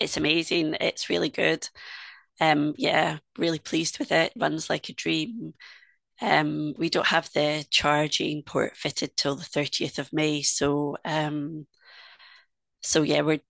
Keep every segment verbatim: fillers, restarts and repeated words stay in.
It's amazing. It's really good. Um, yeah, really pleased with it. Runs like a dream. Um, we don't have the charging port fitted till the thirtieth of May. So, um, so yeah, we're.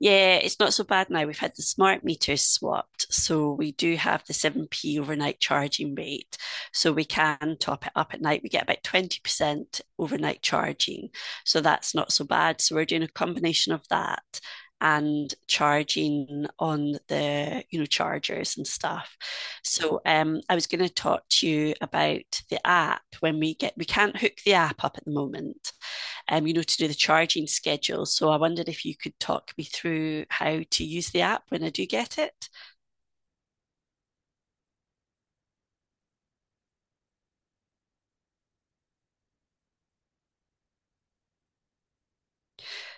Yeah, it's not so bad now. We've had the smart meters swapped, so we do have the seven p overnight charging rate. So we can top it up at night. We get about twenty percent overnight charging. So that's not so bad. So we're doing a combination of that and charging on the you know chargers and stuff. So um, I was going to talk to you about the app. When we get we can't hook the app up at the moment, um, you know, to do the charging schedule. So I wondered if you could talk me through how to use the app when I do get it.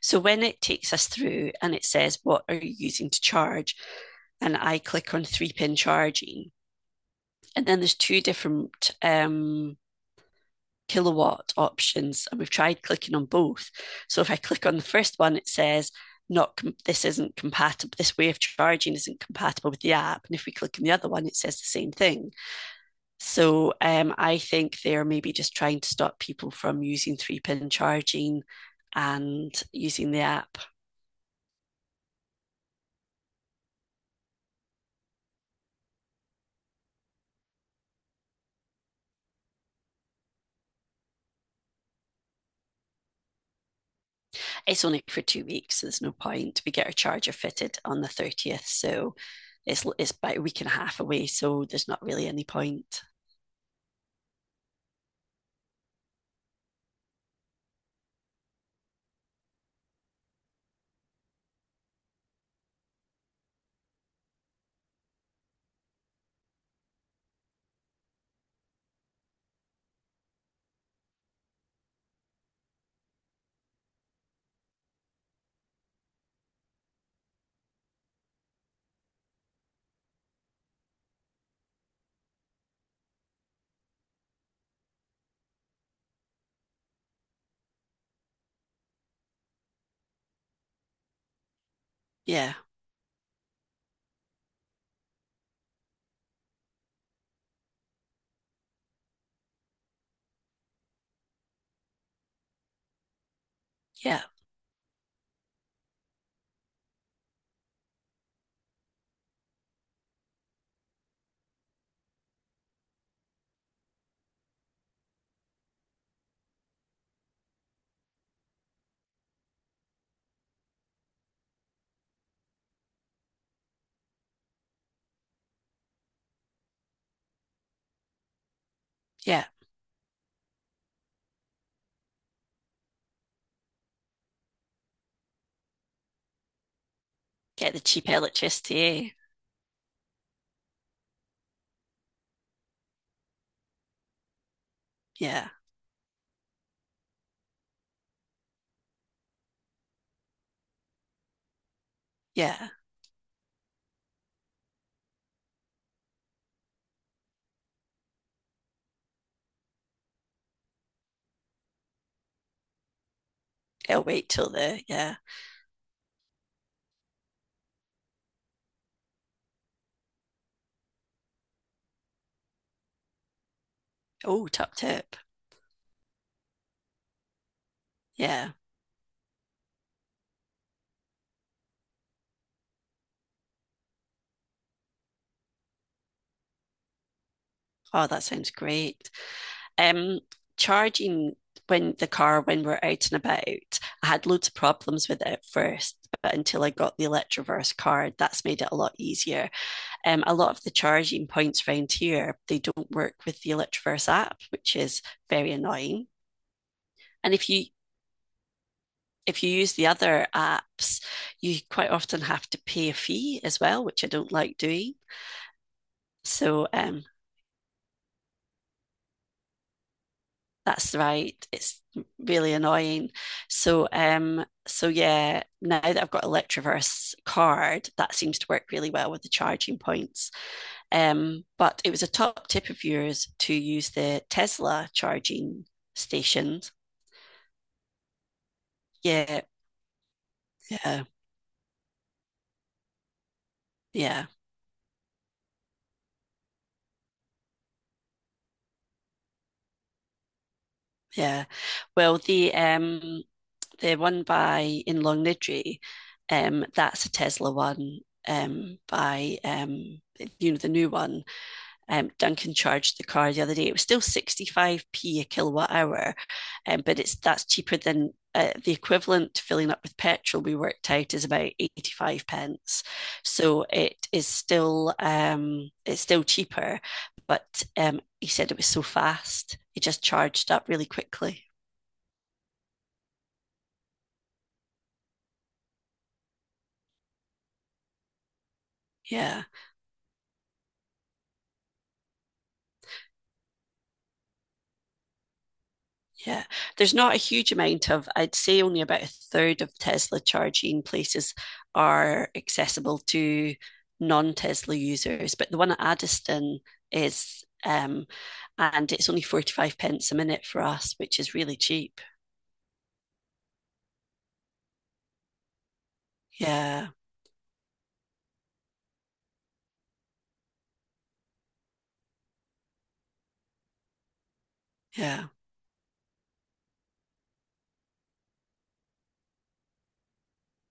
So when it takes us through and it says, what are you using to charge? And I click on three pin charging. And then there's two different um, kilowatt options. And we've tried clicking on both. So if I click on the first one, it says, not com- this isn't compatible, this way of charging isn't compatible with the app. And if we click on the other one, it says the same thing. So um, I think they're maybe just trying to stop people from using three pin charging and using the app. It's only for two weeks, so there's no point. We get our charger fitted on the thirtieth, so it's it's about a week and a half away, so there's not really any point. Yeah, yeah, yeah. Get the cheap electricity, eh? Yeah, yeah. It'll wait till the, yeah. Oh, top tip. Yeah. Oh, that sounds great. um, charging when the car when we're out and about, I had loads of problems with it at first, but until I got the Electroverse card, that's made it a lot easier. Um, a lot of the charging points around here, they don't work with the Electroverse app, which is very annoying. And if you if you use the other apps, you quite often have to pay a fee as well, which I don't like doing. So, um, that's right. It's really annoying. So, um, so yeah, now that I've got a Electroverse card, that seems to work really well with the charging points. Um, but it was a top tip of yours to use the Tesla charging stations. Yeah, yeah, yeah, yeah. Well, the um the one by in Longniddry, um, that's a Tesla one, um, by um, you know, the new one. Um, Duncan charged the car the other day. It was still sixty-five p a kilowatt hour, um, but it's that's cheaper than uh, the equivalent. Filling up with petrol we worked out is about eighty-five pence. So it is still um, it's still cheaper, but um, he said it was so fast. It just charged up really quickly. Yeah. Yeah, there's not a huge amount of, I'd say only about a third of Tesla charging places are accessible to non-Tesla users, but the one at Addiston is, um, and it's only forty-five pence a minute for us, which is really cheap. Yeah, yeah,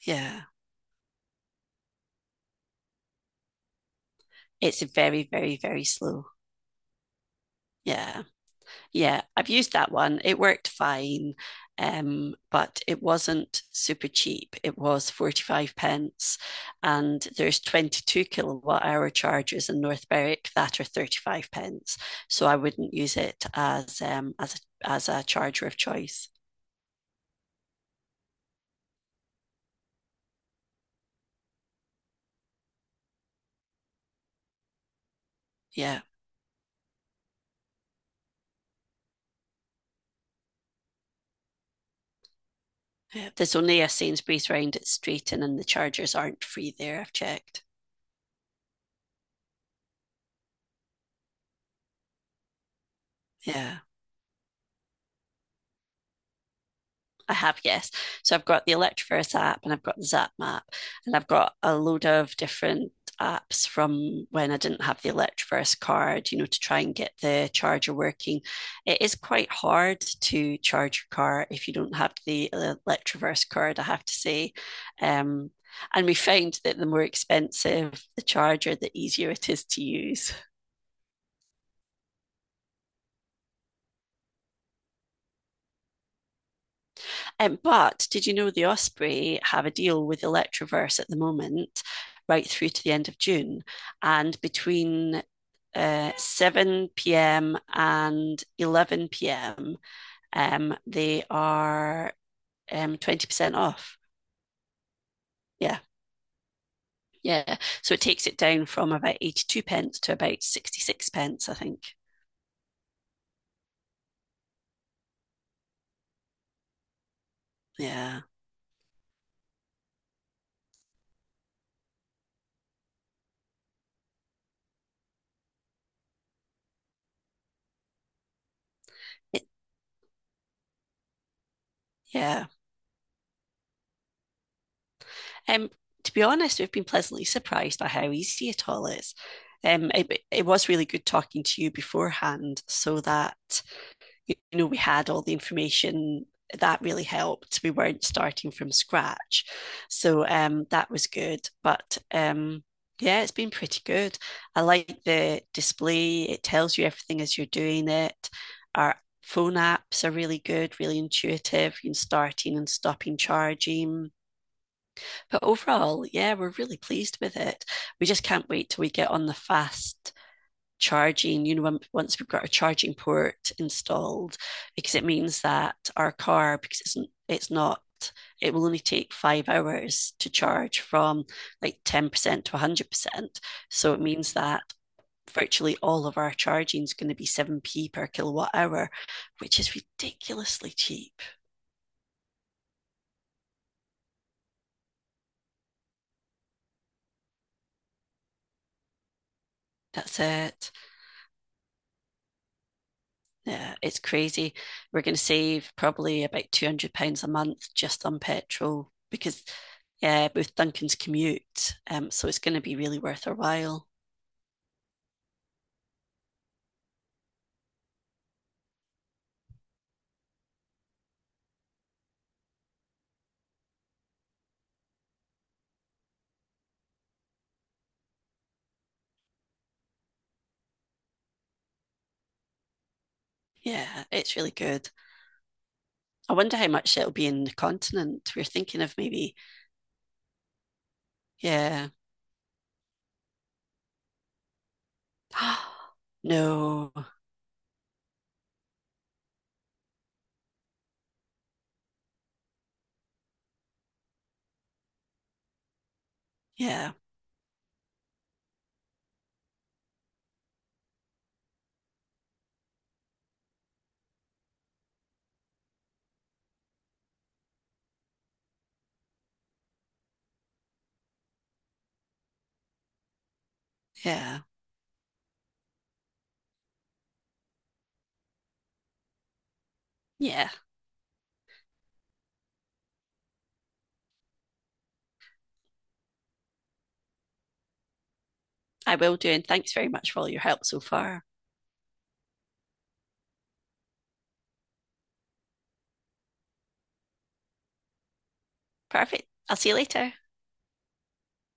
yeah. It's very, very, very slow. Yeah. Yeah, I've used that one. It worked fine, um, but it wasn't super cheap. It was forty-five pence, and there's twenty-two kilowatt hour chargers in North Berwick that are thirty-five pence. So I wouldn't use it as um, as a, as a charger of choice. Yeah, yeah. There's only a Sainsbury's round its street, and and the chargers aren't free there, I've checked. Yeah. I have, yes. So I've got the Electroverse app and I've got the Zap map and I've got a load of different apps from when I didn't have the Electroverse card, you know, to try and get the charger working. It is quite hard to charge your car if you don't have the Electroverse card, I have to say. Um, and we found that the more expensive the charger, the easier it is to use. Um, but did you know the Osprey have a deal with Electroverse at the moment, right through to the end of June? And between uh, seven p m and eleven p m, um, they are um, twenty percent off. Yeah, yeah. So it takes it down from about eighty-two pence to about sixty-six pence, I think. Yeah, it, yeah. Um, to be honest, we've been pleasantly surprised by how easy it all is. Um, it, it was really good talking to you beforehand so that, you know, we had all the information that really helped. We weren't starting from scratch. So um, that was good. But um, yeah, it's been pretty good. I like the display, it tells you everything as you're doing it. Our phone apps are really good, really intuitive. You can start in and stopping charging. But overall, yeah, we're really pleased with it. We just can't wait till we get on the fast charging, you know, once we've got our charging port installed, because it means that our car, because it's, it's not, it will only take five hours to charge from like ten percent to one hundred percent. So it means that virtually all of our charging is going to be seven p per kilowatt hour, which is ridiculously cheap. That's it. Yeah, it's crazy. We're going to save probably about two hundred pounds a month just on petrol because, yeah, with Duncan's commute. Um, so it's going to be really worth our while. Yeah, it's really good. I wonder how much it'll be in the continent. We're thinking of maybe, yeah. No. Yeah, yeah, yeah. I will do. And thanks very much for all your help so far. Perfect. I'll see you later.